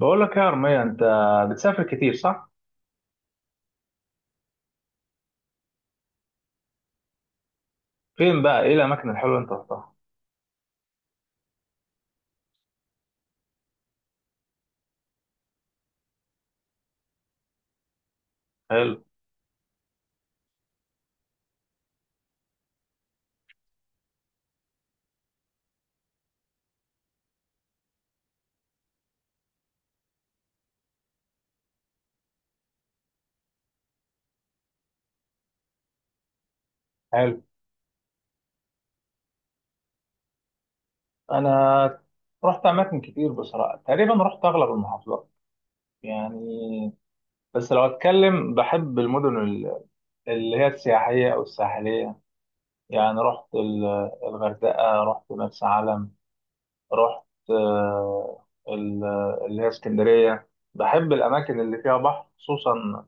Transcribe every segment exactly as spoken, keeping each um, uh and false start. بقول لك يا أرمية، أنت بتسافر كتير، صح؟ فين بقى؟ إيه الأماكن الحلوة اللي أنت رحتها؟ حلو، حلو. أنا رحت أماكن كتير بصراحة، تقريبا رحت أغلب المحافظات يعني. بس لو أتكلم بحب المدن ال- اللي هي السياحية أو الساحلية. يعني رحت ال- الغردقة، رحت مرسى علم، رحت آه، ال- اللي هي اسكندرية. بحب الأماكن اللي فيها بحر خصوصا.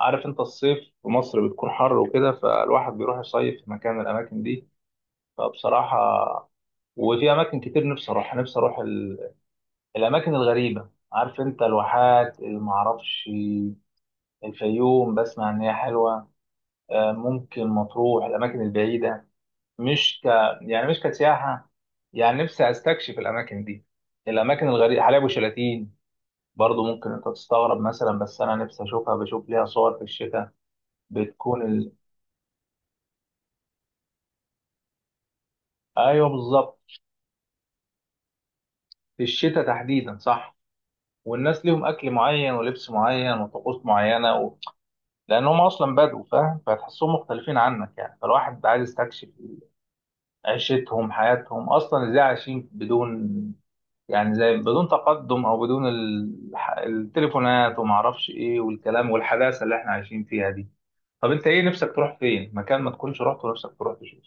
عارف انت الصيف في مصر بتكون حر وكده، فالواحد بيروح يصيف في مكان من الاماكن دي. فبصراحه، وفي اماكن كتير نفسي اروح، نفسي اروح ال... الاماكن الغريبه. عارف انت الواحات، المعرفش، الفيوم بسمع ان هي حلوه. آه، ممكن مطروح، الاماكن البعيده. مش ك يعني مش كسياحه، يعني نفسي استكشف الاماكن دي، الاماكن الغريبه، حلايب وشلاتين. برضه ممكن انت تستغرب مثلا، بس انا نفسي اشوفها، بشوف ليها صور في الشتاء، بتكون ال... ايوه بالظبط. في الشتاء تحديدا، صح. والناس ليهم اكل معين ولبس معين وطقوس معينه و... لانهم اصلا بدو، فاهم، فتحسهم مختلفين عنك يعني، فالواحد عايز يستكشف عيشتهم، حياتهم اصلا ازاي عايشين بدون. يعني زي بدون تقدم او بدون الح... التليفونات وما اعرفش ايه والكلام والحداثه اللي احنا عايشين فيها دي. طب انت ايه نفسك تروح فين، مكان ما تكونش رحت ونفسك تروح تشوف؟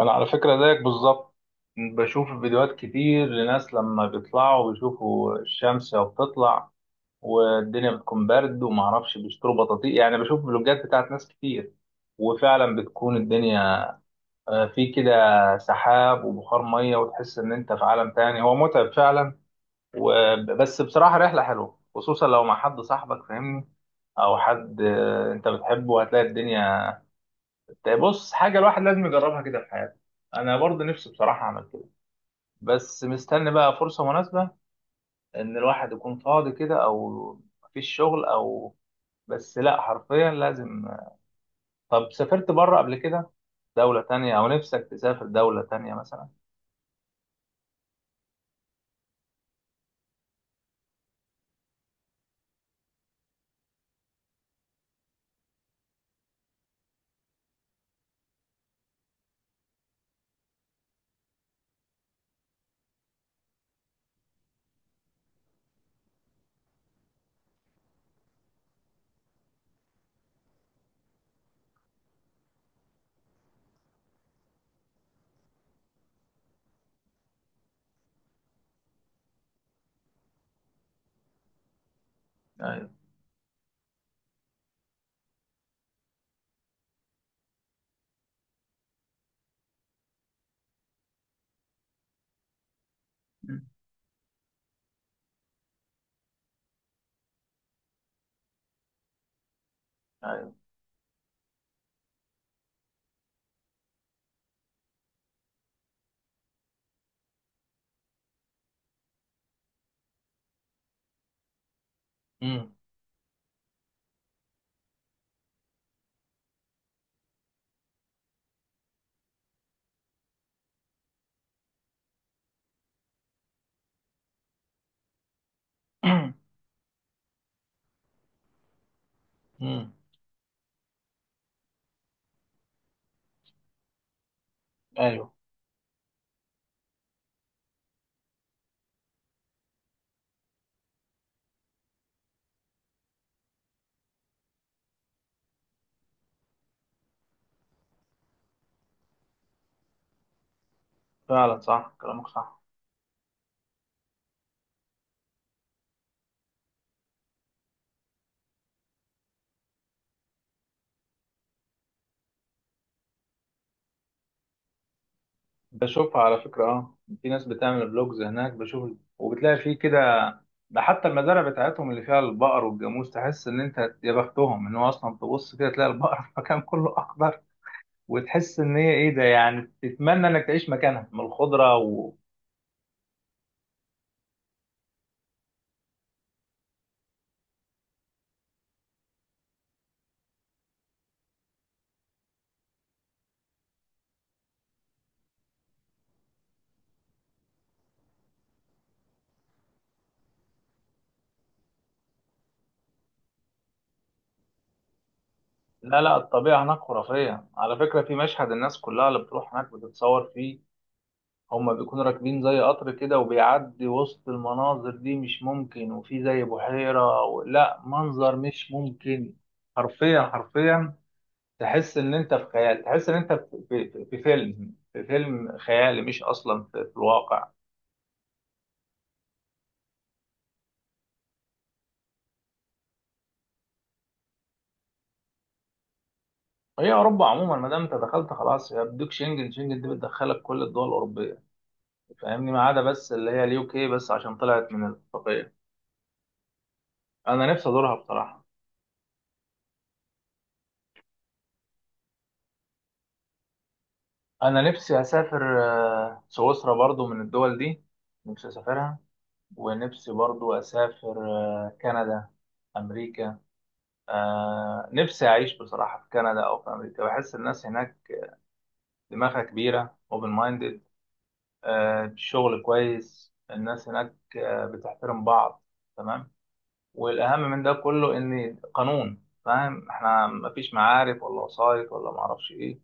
انا على فكره زيك بالظبط. بشوف فيديوهات كتير لناس، لما بيطلعوا بيشوفوا الشمس بتطلع والدنيا بتكون برد وما اعرفش، بيشتروا بطاطيق يعني. بشوف فلوجات بتاعت ناس كتير. وفعلا بتكون الدنيا آه، في كده سحاب وبخار ميه، وتحس ان انت في عالم تاني، هو متعب فعلا. و- بس بصراحه رحله حلوه، خصوصا لو مع حد صاحبك، فاهمني، او حد آه، انت بتحبه، هتلاقي الدنيا. طيب بص، حاجة الواحد لازم يجربها كده في حياته. أنا برضه نفسي بصراحة أعمل كده، بس مستني بقى فرصة مناسبة، إن الواحد يكون فاضي كده، أو مفيش شغل، أو بس، لا حرفيا لازم. طب سافرت بره قبل كده؟ دولة تانية، أو نفسك تسافر دولة تانية مثلا؟ أيوه. أمم. أيوه. أمم. أمم. أيوه. فعلا، صح كلامك، صح. بشوفها على فكرة، اه. في ناس بتعمل بلوجز هناك، بشوف. وبتلاقي فيه كده. ده حتى المزارع بتاعتهم اللي فيها البقر والجاموس، تحس ان انت يا بختهم، ان هو اصلا تبص كده تلاقي البقر في مكان كله اخضر. وتحس ان هي، ايه ده، يعني تتمنى انك تعيش مكانها من الخضرة و... لا، لا، الطبيعة هناك خرافية على فكرة. في مشهد الناس كلها اللي بتروح هناك بتتصور فيه، هما بيكونوا راكبين زي قطر كده، وبيعدي وسط المناظر دي، مش ممكن، وفي زي بحيرة و... لا، منظر مش ممكن. حرفيا حرفيا. تحس ان انت في خيال، تحس ان انت في, في... في فيلم، في فيلم خيالي، مش اصلا في, في الواقع. هي اوروبا عموما، ما دام انت دخلت خلاص، هي بديك شنجن، شنجن دي بتدخلك كل الدول الاوروبيه، فاهمني، ما عدا بس اللي هي اليو كي، بس عشان طلعت من الاتفاقيه. انا نفسي ازورها بصراحه. انا نفسي اسافر آه، سويسرا برضو من الدول دي، نفسي اسافرها. ونفسي برضو اسافر آه، كندا، امريكا. آه، نفسي اعيش بصراحة في كندا او في امريكا. بحس الناس هناك دماغها كبيرة، اوبن مايندد، الشغل كويس، الناس هناك آه، بتحترم بعض، تمام. والاهم من ده كله ان قانون، فاهم احنا مفيش معارف ولا وسايط ولا معرفش ايه.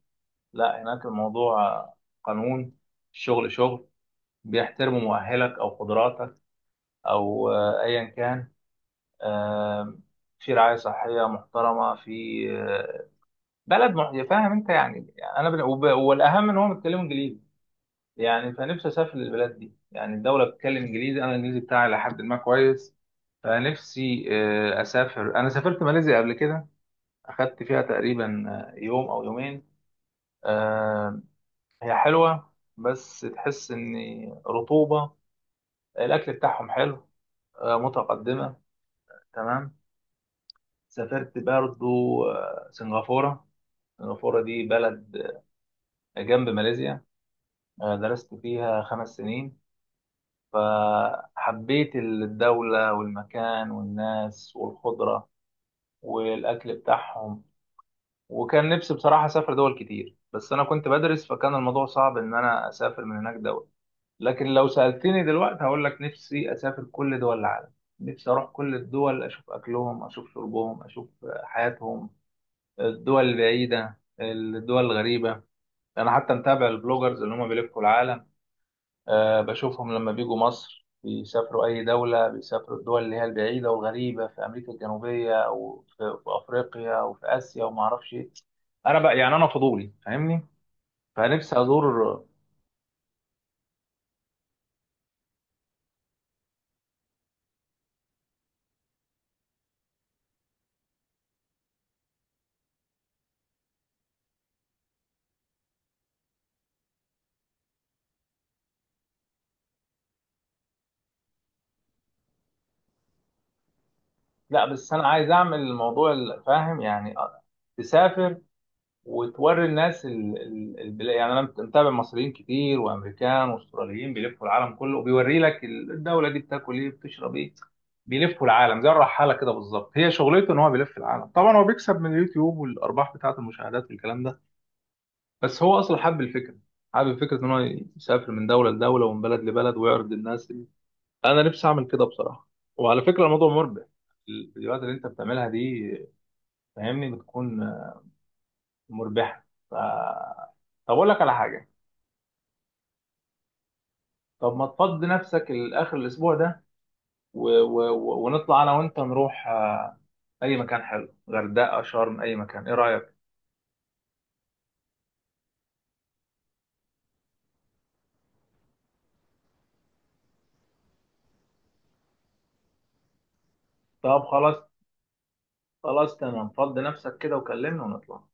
لا، هناك الموضوع آه، قانون، الشغل شغل، بيحترموا مؤهلك او قدراتك او آه، ايا كان. آه، في رعايه صحيه محترمه، في آه، بلد مح- فاهم انت يعني. انا بن- وب- والاهم ان هم بيتكلموا انجليزي، يعني فنفسي اسافر للبلاد دي، يعني الدوله بتتكلم انجليزي، انا الانجليزي بتاعي لحد ما كويس. فنفسي آه، اسافر، انا سافرت ماليزيا قبل كده، اخدت فيها تقريبا آه، يوم او يومين. آه، هي حلوه، بس تحس ان رطوبه، الاكل بتاعهم حلو، آه، متقدمه، تمام. سافرت برضو آه، سنغافورة. سنغافورة دي بلد آه، جنب ماليزيا. آه، درست فيها خمس سنين، فحبيت الدولة والمكان والناس والخضرة والأكل بتاعهم. وكان نفسي بصراحة أسافر دول كتير، بس أنا كنت بدرس، فكان الموضوع صعب إن أنا أسافر من هناك دول. لكن لو سألتني دلوقتي هقول لك نفسي أسافر كل دول العالم. نفسي أروح كل الدول، أشوف أكلهم، أشوف شربهم، أشوف حياتهم، الدول البعيدة، الدول الغريبة. أنا حتى متابع البلوجرز اللي هم بيلفوا العالم. أه بشوفهم لما بيجوا مصر، بيسافروا أي دولة، بيسافروا الدول اللي هي البعيدة والغريبة في أمريكا الجنوبية أو في, في أفريقيا، أو في آسيا، وما أعرفش إيه. أنا بقى يعني أنا فضولي، فاهمني، فنفسي أزور. لا بس أنا عايز أعمل الموضوع ال- فاهم يعني، أ- تسافر وتوري الناس ال... ال... البلا- يعني انا مت- متابع مصريين كتير وامريكان واستراليين بيلفوا العالم كله، وبيوري لك ال- الدوله دي بتاكل ايه بتشرب ايه. بيلفوا العالم زي الرحاله كده بالظبط، هي شغلته ان هو بيلف العالم، طبعا هو بيكسب من اليوتيوب والارباح بتاعه المشاهدات والكلام ده. بس هو اصلا حب الفكره، حابب فكره ان هو يسافر من دوله لدوله ومن بلد لبلد، ويعرض للناس ال- انا نفسي اعمل كده بصراحه. وعلى فكره الموضوع مربح، الفيديوهات اللي انت بتعملها دي فاهمني بتكون مربحه، ف... طب اقول لك على حاجه. طب ما تفضي نفسك لاخر الاسبوع ده و... و... و- ونطلع انا وانت نروح آه، اي مكان حلو، غردقه، شرم، اي مكان، ايه رايك؟ طب خلاص، خلاص تمام، فضي نفسك كده وكلمنا ونطلع.